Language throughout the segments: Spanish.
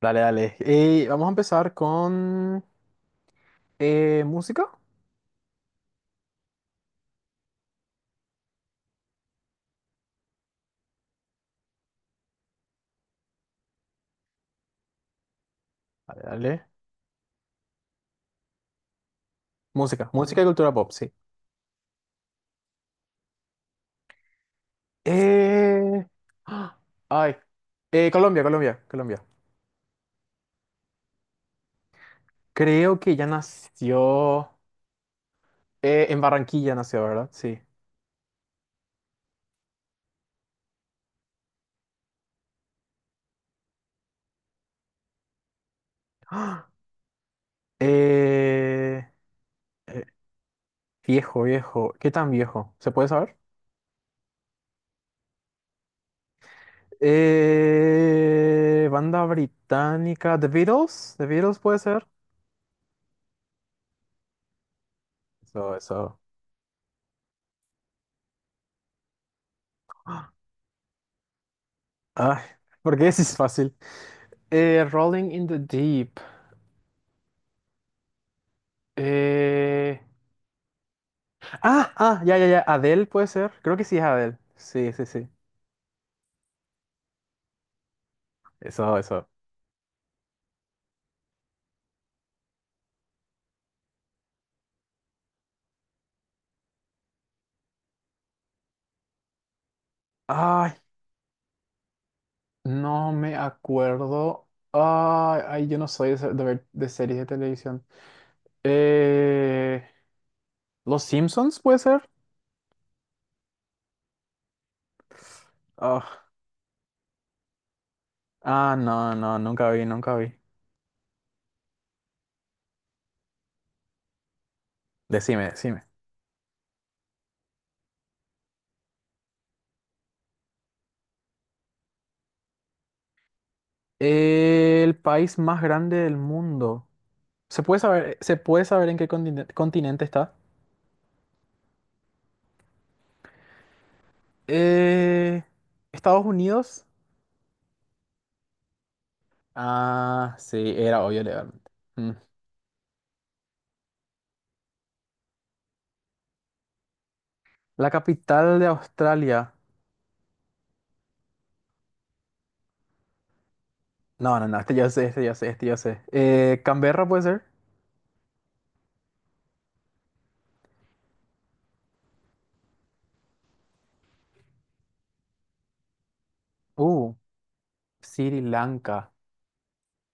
Dale, dale. Y vamos a empezar con música. Dale, dale. Música, música y cultura pop, sí. Eh, ah, Ay. Colombia, Colombia, Colombia. Creo que ya nació. En Barranquilla nació, ¿verdad? Sí. Ah, eh, eh, Viejo, viejo. ¿Qué tan viejo? ¿Se puede saber? Banda británica. The Beatles. The Beatles puede ser. Eso, eso. Ay, porque ese es fácil. Rolling in the Deep. Eh, ya, ya, ya. Adele puede ser. Creo que sí es Adele. Sí, sí, sí. Eso, eso. Ay, no me acuerdo. Ay, ay, yo no soy de ver de series de televisión. Eh, ¿Los Simpsons puede ser? Ah, no, no, nunca vi, nunca vi. Decime, decime. El país más grande del mundo. Se puede saber en qué continente está? Eh, Estados Unidos. Ah, sí, era obvio legalmente. Mm. La capital de Australia. No, no, no, este ya sé, este ya sé, este ya sé. Canberra puede ser. Uh, Sri Lanka,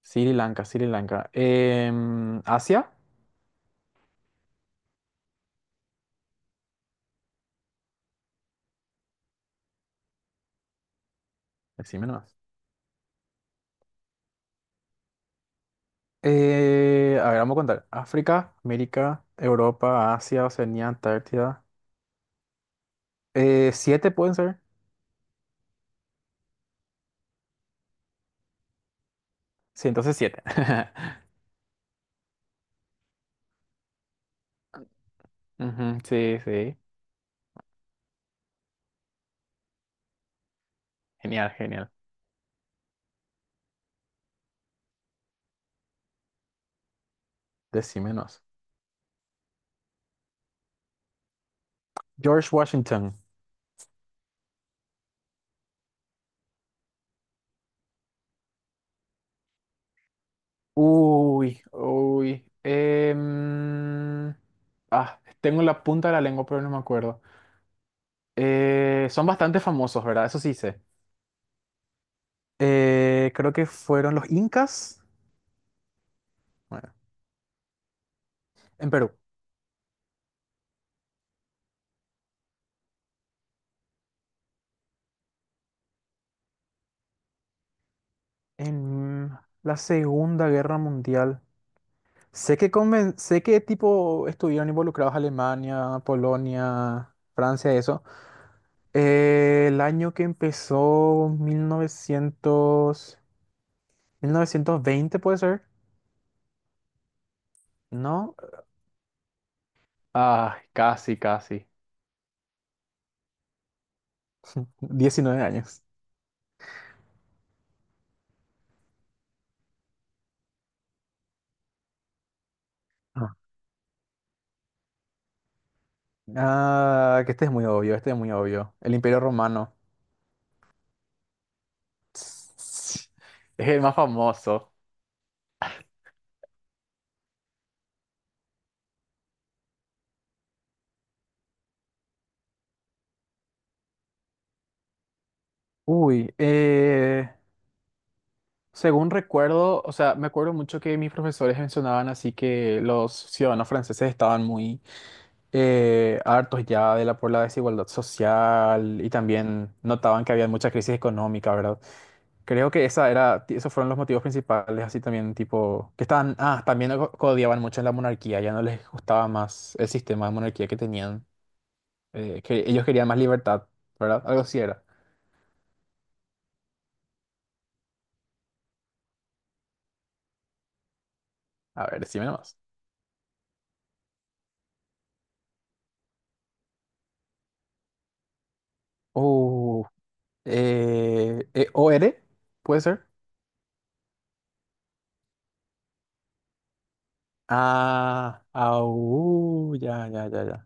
Sri Lanka, Sri Lanka. Asia. Decime nomás. A ver, vamos a contar. África, América, Europa, Asia, Oceanía, Antártida. ¿Siete pueden ser? Sí, entonces siete. Ujú, sí, sí. Genial, genial. Decímenos. George Washington. Uy, uy. Tengo la punta de la lengua, pero no me acuerdo. Son bastante famosos, ¿verdad? Eso sí sé. Creo que fueron los incas. Bueno, en Perú. En la Segunda Guerra Mundial. Sé que tipo estuvieron involucrados Alemania, Polonia, Francia, eso. El año que empezó, 1920, puede ser. ¿No? Ay, casi, casi. 19 años. Ah, que este es muy obvio, este es muy obvio. El Imperio Romano. Es el más famoso. Uy, según recuerdo, o sea, me acuerdo mucho que mis profesores mencionaban así que los ciudadanos franceses estaban muy hartos ya por la desigualdad social y también notaban que había mucha crisis económica, ¿verdad? Creo que esa era, esos fueron los motivos principales, así también, tipo, que estaban, también odiaban mucho la monarquía, ya no les gustaba más el sistema de monarquía que tenían, que ellos querían más libertad, ¿verdad? Algo así era. A ver, decime nomás. Uh, ¿OR? ¿Puede ser? AU, ya, ya, ya, ya.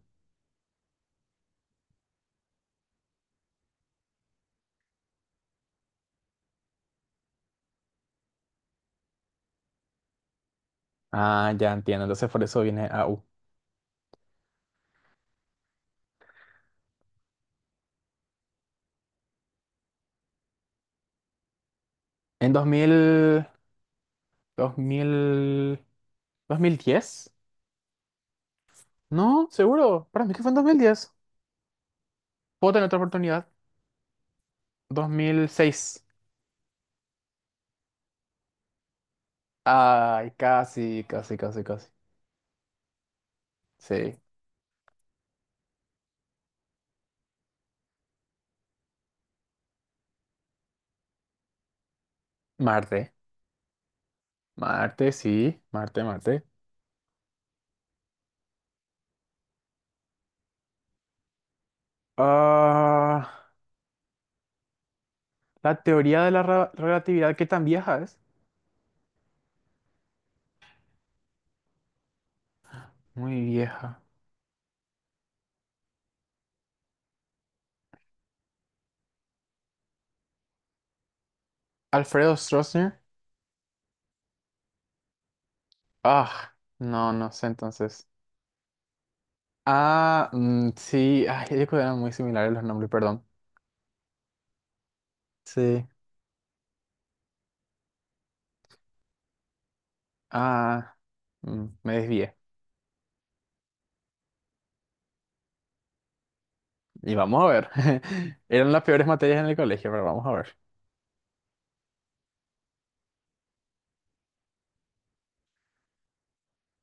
Ya entiendo, entonces por eso viene AU. En 2000, 2000, 2010, no, seguro, para mí que fue en 2010. Puedo tener otra oportunidad. 2006. Ay, casi, casi, casi, casi. Sí. Marte. Marte, sí. Marte, Marte. Ah, la teoría de la relatividad, ¿qué tan vieja es? Muy vieja. Alfredo Stroessner. Ah, no, no sé entonces. Mm, sí. Ay, yo creo que eran muy similares los nombres, perdón. Sí. Ah, Me desvié. Y vamos a ver. Eran las peores materias en el colegio, pero vamos a ver.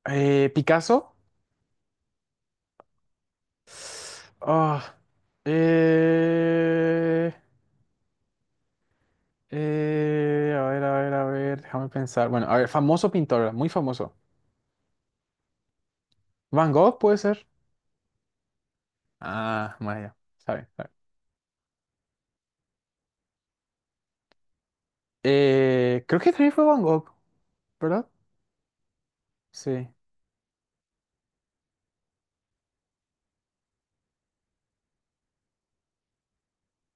Picasso. Ah, eh, a ver, a ver, a ver, déjame pensar. Bueno, a ver, famoso pintor, muy famoso. Van Gogh puede ser. Maya, sabe, sabe. Creo que también fue Van Gogh, ¿verdad? Sí.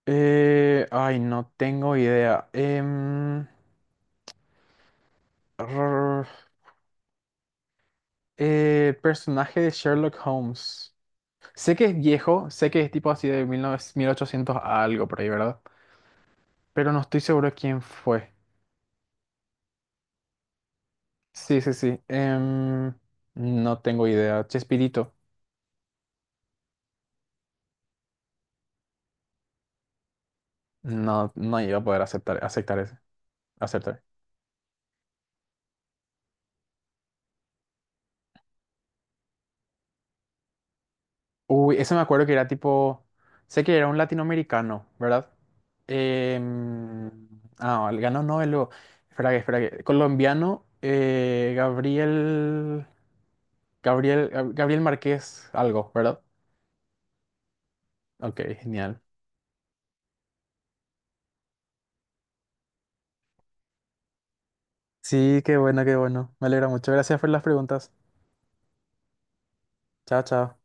Ay, no tengo idea. Rrr, Personaje de Sherlock Holmes. Sé que es viejo, sé que es tipo así de 1900 1800 algo por ahí, ¿verdad? Pero no estoy seguro de quién fue. Sí, sí, sí. No tengo idea. Chespirito. No, no iba a poder aceptar, aceptar ese. Aceptar. Uy, ese me acuerdo que era tipo. Sé que era un latinoamericano, ¿verdad? Em, el ganó Nobel luego. Espera que, espera que. Colombiano, Gabriel. Gabriel. Gabriel Márquez, algo, ¿verdad? Ok, genial. Sí, qué bueno, qué bueno. Me alegra mucho. Gracias por las preguntas. Chao, chao.